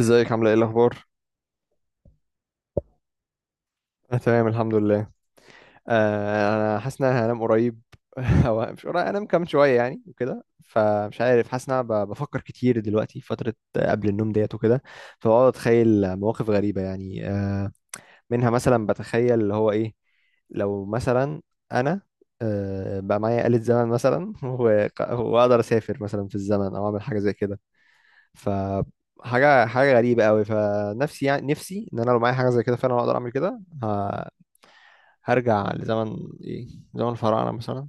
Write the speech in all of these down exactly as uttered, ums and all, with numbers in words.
ازيك؟ عامله ايه الاخبار؟ انا تمام، الحمد لله. آه انا حاسس ان انا هنام قريب. او مش قريب، انام كمان شويه يعني وكده. فمش عارف، حاسس ان انا ب- بفكر كتير دلوقتي فتره قبل النوم ديت وكده. فبقعد اتخيل مواقف غريبه يعني. آه منها مثلا بتخيل اللي هو ايه. لو مثلا انا آه بقى معايا آلة زمن مثلا، وق- واقدر اسافر مثلا في الزمن او اعمل حاجه زي كده. فحاجة حاجة غريبة قوي، فنفسي يعني نفسي ان انا لو معايا حاجة زي كده فعلا اقدر اعمل كده ه- هرجع لزمن ايه؟ زمن الفراعنة مثلا.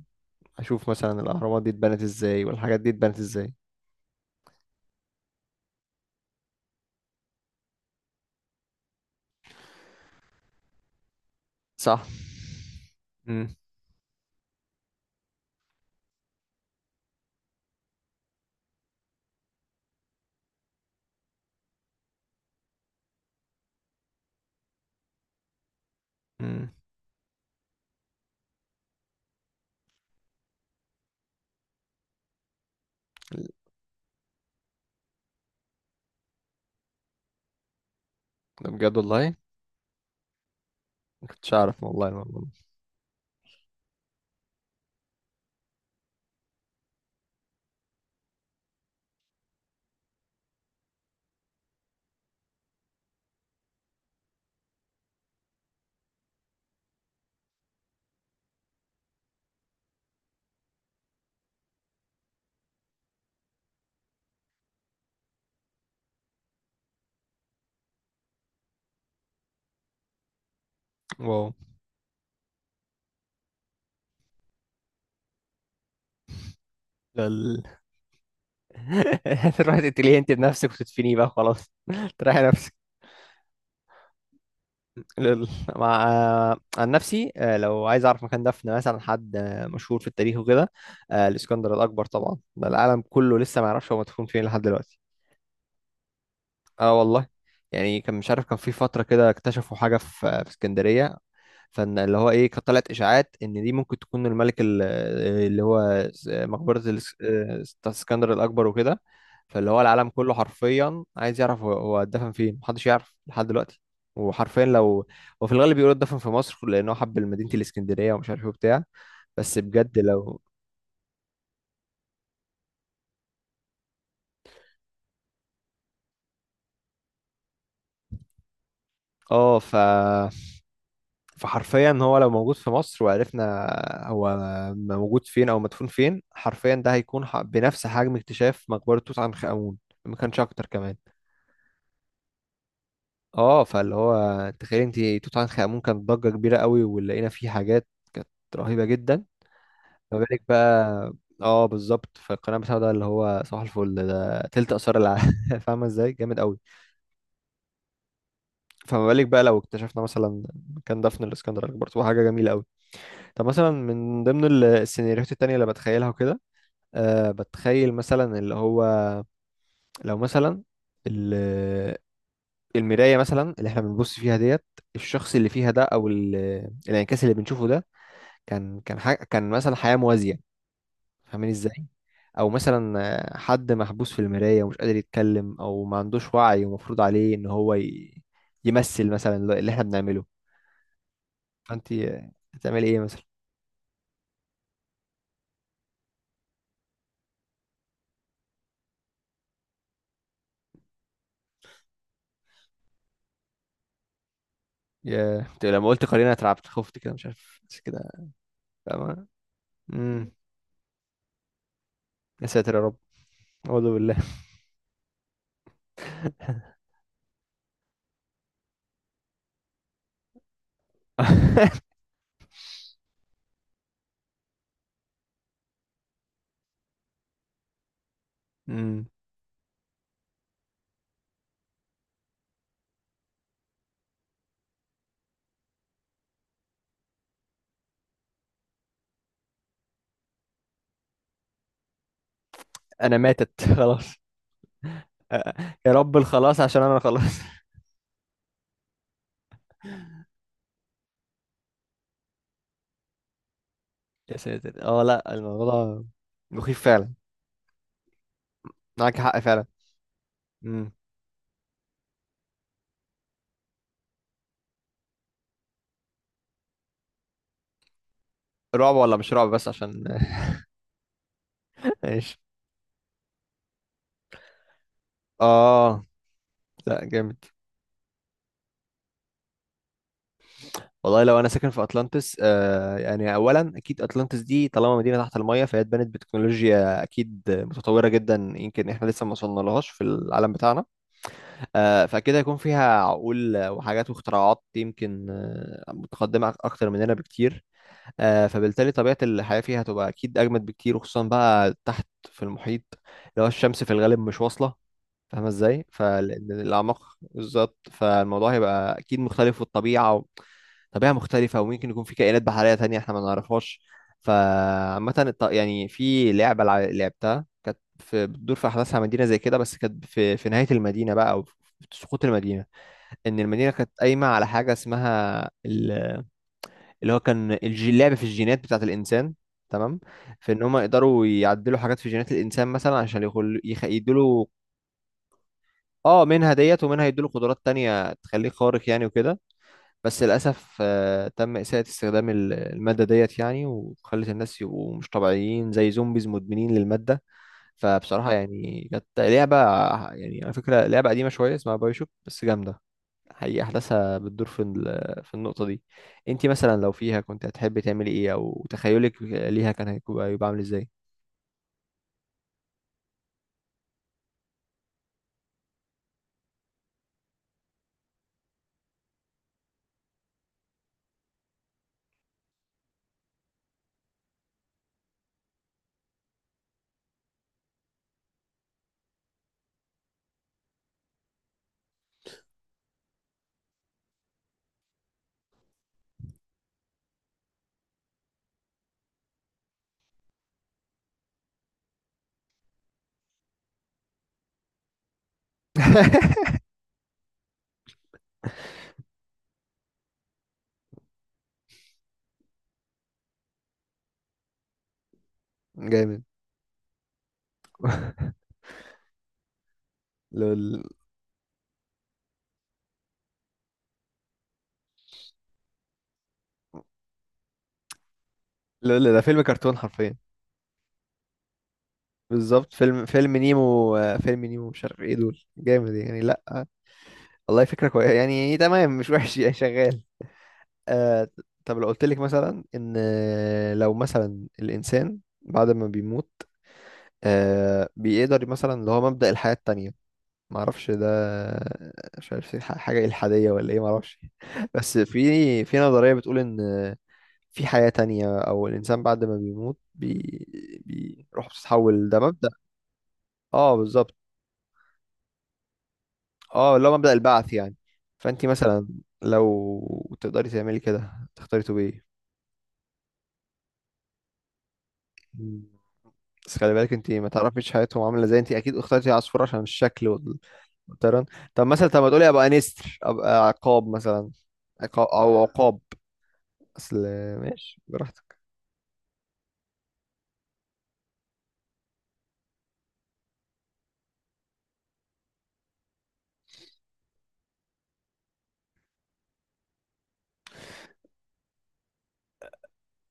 اشوف مثلا الاهرامات دي اتبنت ازاي، والحاجات دي اتبنت ازاي. صح. امم. امم. ده بجد والله؟ ما كنتش اعرف والله الموضوع. ده. واو. ده ال... تروح تقتليه انت بنفسك وتدفنيه بقى خلاص، تريحي نفسك. لل- مع آه، عن نفسي، آه، لو عايز اعرف مكان دفن مثلا حد آه، مشهور في التاريخ وكده. آه، الاسكندر الاكبر طبعا، ده العالم كله لسه ما يعرفش هو مدفون فين لحد دلوقتي. اه والله. يعني كان مش عارف، كان في فترة كده اكتشفوا حاجة في في اسكندرية. فان اللي هو ايه، كانت طلعت اشاعات ان دي ممكن تكون الملك ال- اللي هو س- مقبرة الاس- آه، اسكندر الاكبر وكده. فاللي هو العالم كله حرفيا عايز يعرف هو هو اتدفن فين، محدش يعرف لحد دلوقتي. وحرفيا لو. وفي الغالب بيقولوا اتدفن في مصر، لانه حب مدينة الاسكندرية ومش عارف ايه وبتاع. بس بجد لو اه ف فحرفيا هو لو موجود في مصر وعرفنا هو موجود فين او مدفون فين، حرفيا ده هيكون ح- بنفس حجم اكتشاف مقبرة توت عنخ آمون. ما كانش اكتر كمان. اه، فاللي هو تخيل انت توت عنخ آمون كانت ضجة كبيرة قوي، ولقينا فيه حاجات كانت رهيبة جدا. ما بالك بقى. اه بالظبط، فالقناة بتاعه اللي هو صباح الفل ده تلت آثار العالم. فاهمة ازاي؟ جامد قوي. فما بالك بقى لو اكتشفنا مثلا مكان دفن الاسكندر الأكبر، تبقى حاجة جميلة قوي. طب مثلا، من ضمن ال- السيناريوهات التانية اللي بتخيلها وكده. أه بتخيل مثلا اللي هو لو مثلا ال- المراية مثلا اللي احنا بنبص فيها ديت. الشخص اللي فيها ده او ال- الانعكاس اللي بنشوفه ده، كان كان حاجة، كان مثلا حياة موازية. فاهمين ازاي؟ او مثلا آه، حد محبوس في المراية ومش قادر يتكلم، او ما عندوش وعي، ومفروض عليه ان هو ي- يمثل مثلا اللي اللي احنا بنعمله. فانت آه، هتعملي ايه مثلا؟ يا أنت، لما قلت قرينة اترعبت، خفت كده، مش عارف بس كده. فاهمة. امم. يا ساتر يا رب. اعوذ بالله. مم. انا ماتت خلاص. آه، يا رب الخلاص، عشان انا خلاص. يا ساتر. اه لا، الموضوع ده مخيف فعلا. معاك حق فعلا. مم. رعب ولا مش رعب؟ بس عشان ايش؟ اه لا، جامد. والله لو انا ساكن في اطلانتس، آه يعني اولا اكيد اطلانتس دي طالما مدينه تحت الميه فهي اتبنت بتكنولوجيا اكيد متطوره جدا، يمكن احنا لسه ما وصلنا لهاش في العالم بتاعنا. آه فاكيد هيكون فيها عقول وحاجات واختراعات يمكن آه، متقدمه اكتر مننا بكتير. آه، فبالتالي طبيعة الحياة فيها هتبقى أكيد أجمد بكتير، وخصوصا بقى تحت في المحيط. اللي هو الشمس في الغالب مش واصلة. فاهمة ازاي؟ فلأن الأعماق بالظبط، فالموضوع هيبقى أكيد مختلف، والطبيعة و... طبيعة مختلفة، وممكن يكون في كائنات بحرية تانية احنا ما نعرفهاش. فعامة الط- يعني في لعبة لع- لعبتها كانت في بتدور في أحداثها مدينة زي كده، بس كانت في في نهاية المدينة بقى أو في سقوط المدينة. إن المدينة كانت قايمة على حاجة اسمها، اللي هو كان الج- اللعب في الجينات بتاعة الإنسان. تمام. في إن هم يقدروا يعدلوا حاجات في جينات الإنسان مثلا عشان يخل... يخ... يدوله. اه، منها ديت ومنها يدوله قدرات تانية تخليه خارق يعني وكده. بس للأسف آه، تم إساءة استخدام ال- المادة ديت يعني، وخلت الناس يبقوا مش طبيعيين زي زومبيز مدمنين للمادة. فبصراحة يعني كانت لعبة، يعني على فكرة لعبة قديمة شوية اسمها بايوشوك، بس جامدة. حقيقة أحداثها بتدور في ال- في النقطة دي. انتي مثلا لو فيها، كنت هتحبي تعملي ايه؟ أو تخيلك ليها كان هيكون يبقى عامل ازاي؟ جامد. لول، لول. ده فيلم كرتون حرفيا. بالظبط، فيلم فيلم نيمو. فيلم نيمو مش عارف ايه، دول جامد يعني، لا. والله فكرة كويسة يعني، تمام مش وحش، يعني شغال. آه طب لو قلت لك مثلا ان لو مثلا الانسان بعد ما بيموت آه بيقدر مثلا اللي هو مبدأ الحياة التانية. ما اعرفش ده، مش عارف ح- حاجة إلحادية ولا ايه، ما اعرفش. بس في في نظرية بتقول ان في حياة تانية، او الانسان بعد ما بيموت بي بيروح بتتحول، ده مبدأ. اه بالظبط، اه اللي هو مبدأ البعث يعني. فانت مثلا لو تقدري تعملي كده، تختاري تبقي ايه؟ بس خلي بالك انت ما تعرفيش حياتهم عامله ازاي، انت اكيد اخترتي عصفور عشان الشكل وال- والطيران. طب مثلا، طب ما تقولي ابقى نستر، ابقى عقاب مثلا. عقاب او عقاب، اصل. ماشي براحتك.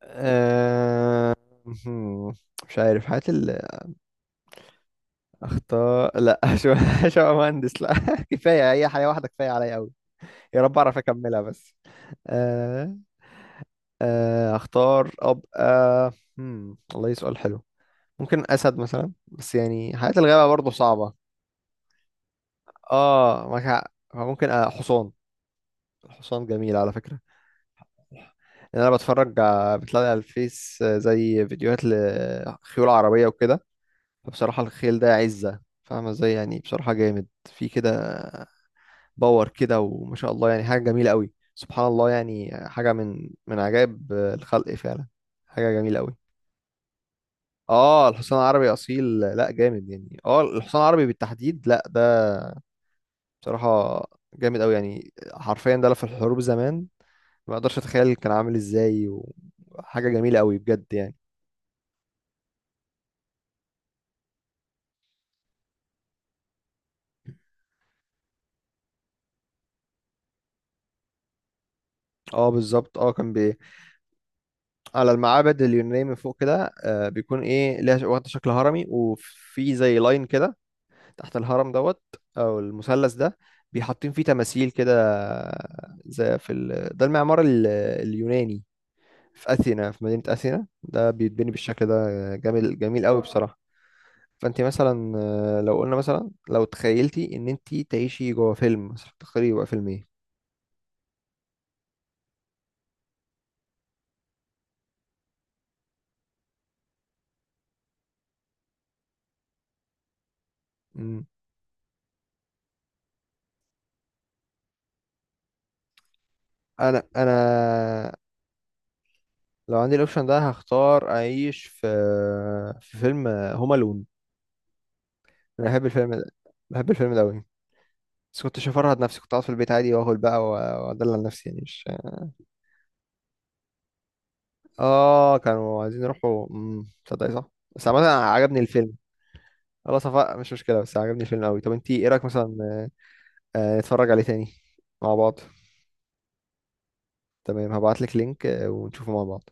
أه... هم، مش عارف حياة ال اختار. لا. شو شو مهندس؟ لا، كفايه هي حياه واحده كفايه عليا قوي. يا رب اعرف اكملها بس. أه... أه... اختار ابقى. هم، والله سؤال حلو. ممكن اسد مثلا، بس يعني حياة الغابة برضه صعبة. اه معاك حق، فممكن آه حصان. الحصان جميل على فكرة. لأن أنا بتفرج ع- بتلاقي على الفيس آه، زي فيديوهات لخيول عربية وكده. فبصراحة، الخيل ده عزة، فاهمة ازاي؟ يعني بصراحة جامد في كده. باور كده، وما شاء الله يعني. حاجة جميلة قوي، سبحان الله يعني. حاجة من من عجائب آه، الخلق فعلا. حاجة جميلة قوي. اه، الحصان العربي أصيل، لا جامد يعني. اه، الحصان العربي بالتحديد، لا ده. بصراحة جامد قوي يعني، حرفيا ده لا في الحروب زمان. ما اقدرش اتخيل كان عامل ازاي. وحاجه جميله قوي بجد يعني. اه بالظبط، اه كان بي... على المعابد اليونانيه من فوق كده آه بيكون ايه ليها ش- واخده شكل هرمي، وفي زي لاين كده. تحت الهرم دوت، او المثلث ده. بيحطين فيه تماثيل كده، زي في ال... ده المعمار ال... اليوناني. في اثينا، في مدينه اثينا ده بيتبني بالشكل ده. آه، جميل جميل قوي بصراحه. فانت مثلا آه، لو قلنا مثلا لو تخيلتي ان انت تعيشي جوه فيلم مثلا، تختاري يبقى فيلم ايه؟ انا انا لو عندي الاوبشن ده، هختار اعيش في في فيلم هوم الون. انا بحب الفيلم ده، بحب الفيلم ده قوي. بس كنتش هفرهد نفسي، كنت قاعد في البيت عادي واكل بقى و- وادلع نفسي يعني، مش. اه، كانوا عايزين يروحوا. امم تصدقي؟ صح. بس عامة عجبني الفيلم. خلاص صفاء، مش مشكلة، بس عجبني الفيلم قوي. طب انتي ايه رأيك مثلا، آه، نتفرج عليه تاني مع بعض؟ تمام، هبعتلك لينك آه، ونشوفه مع بعض.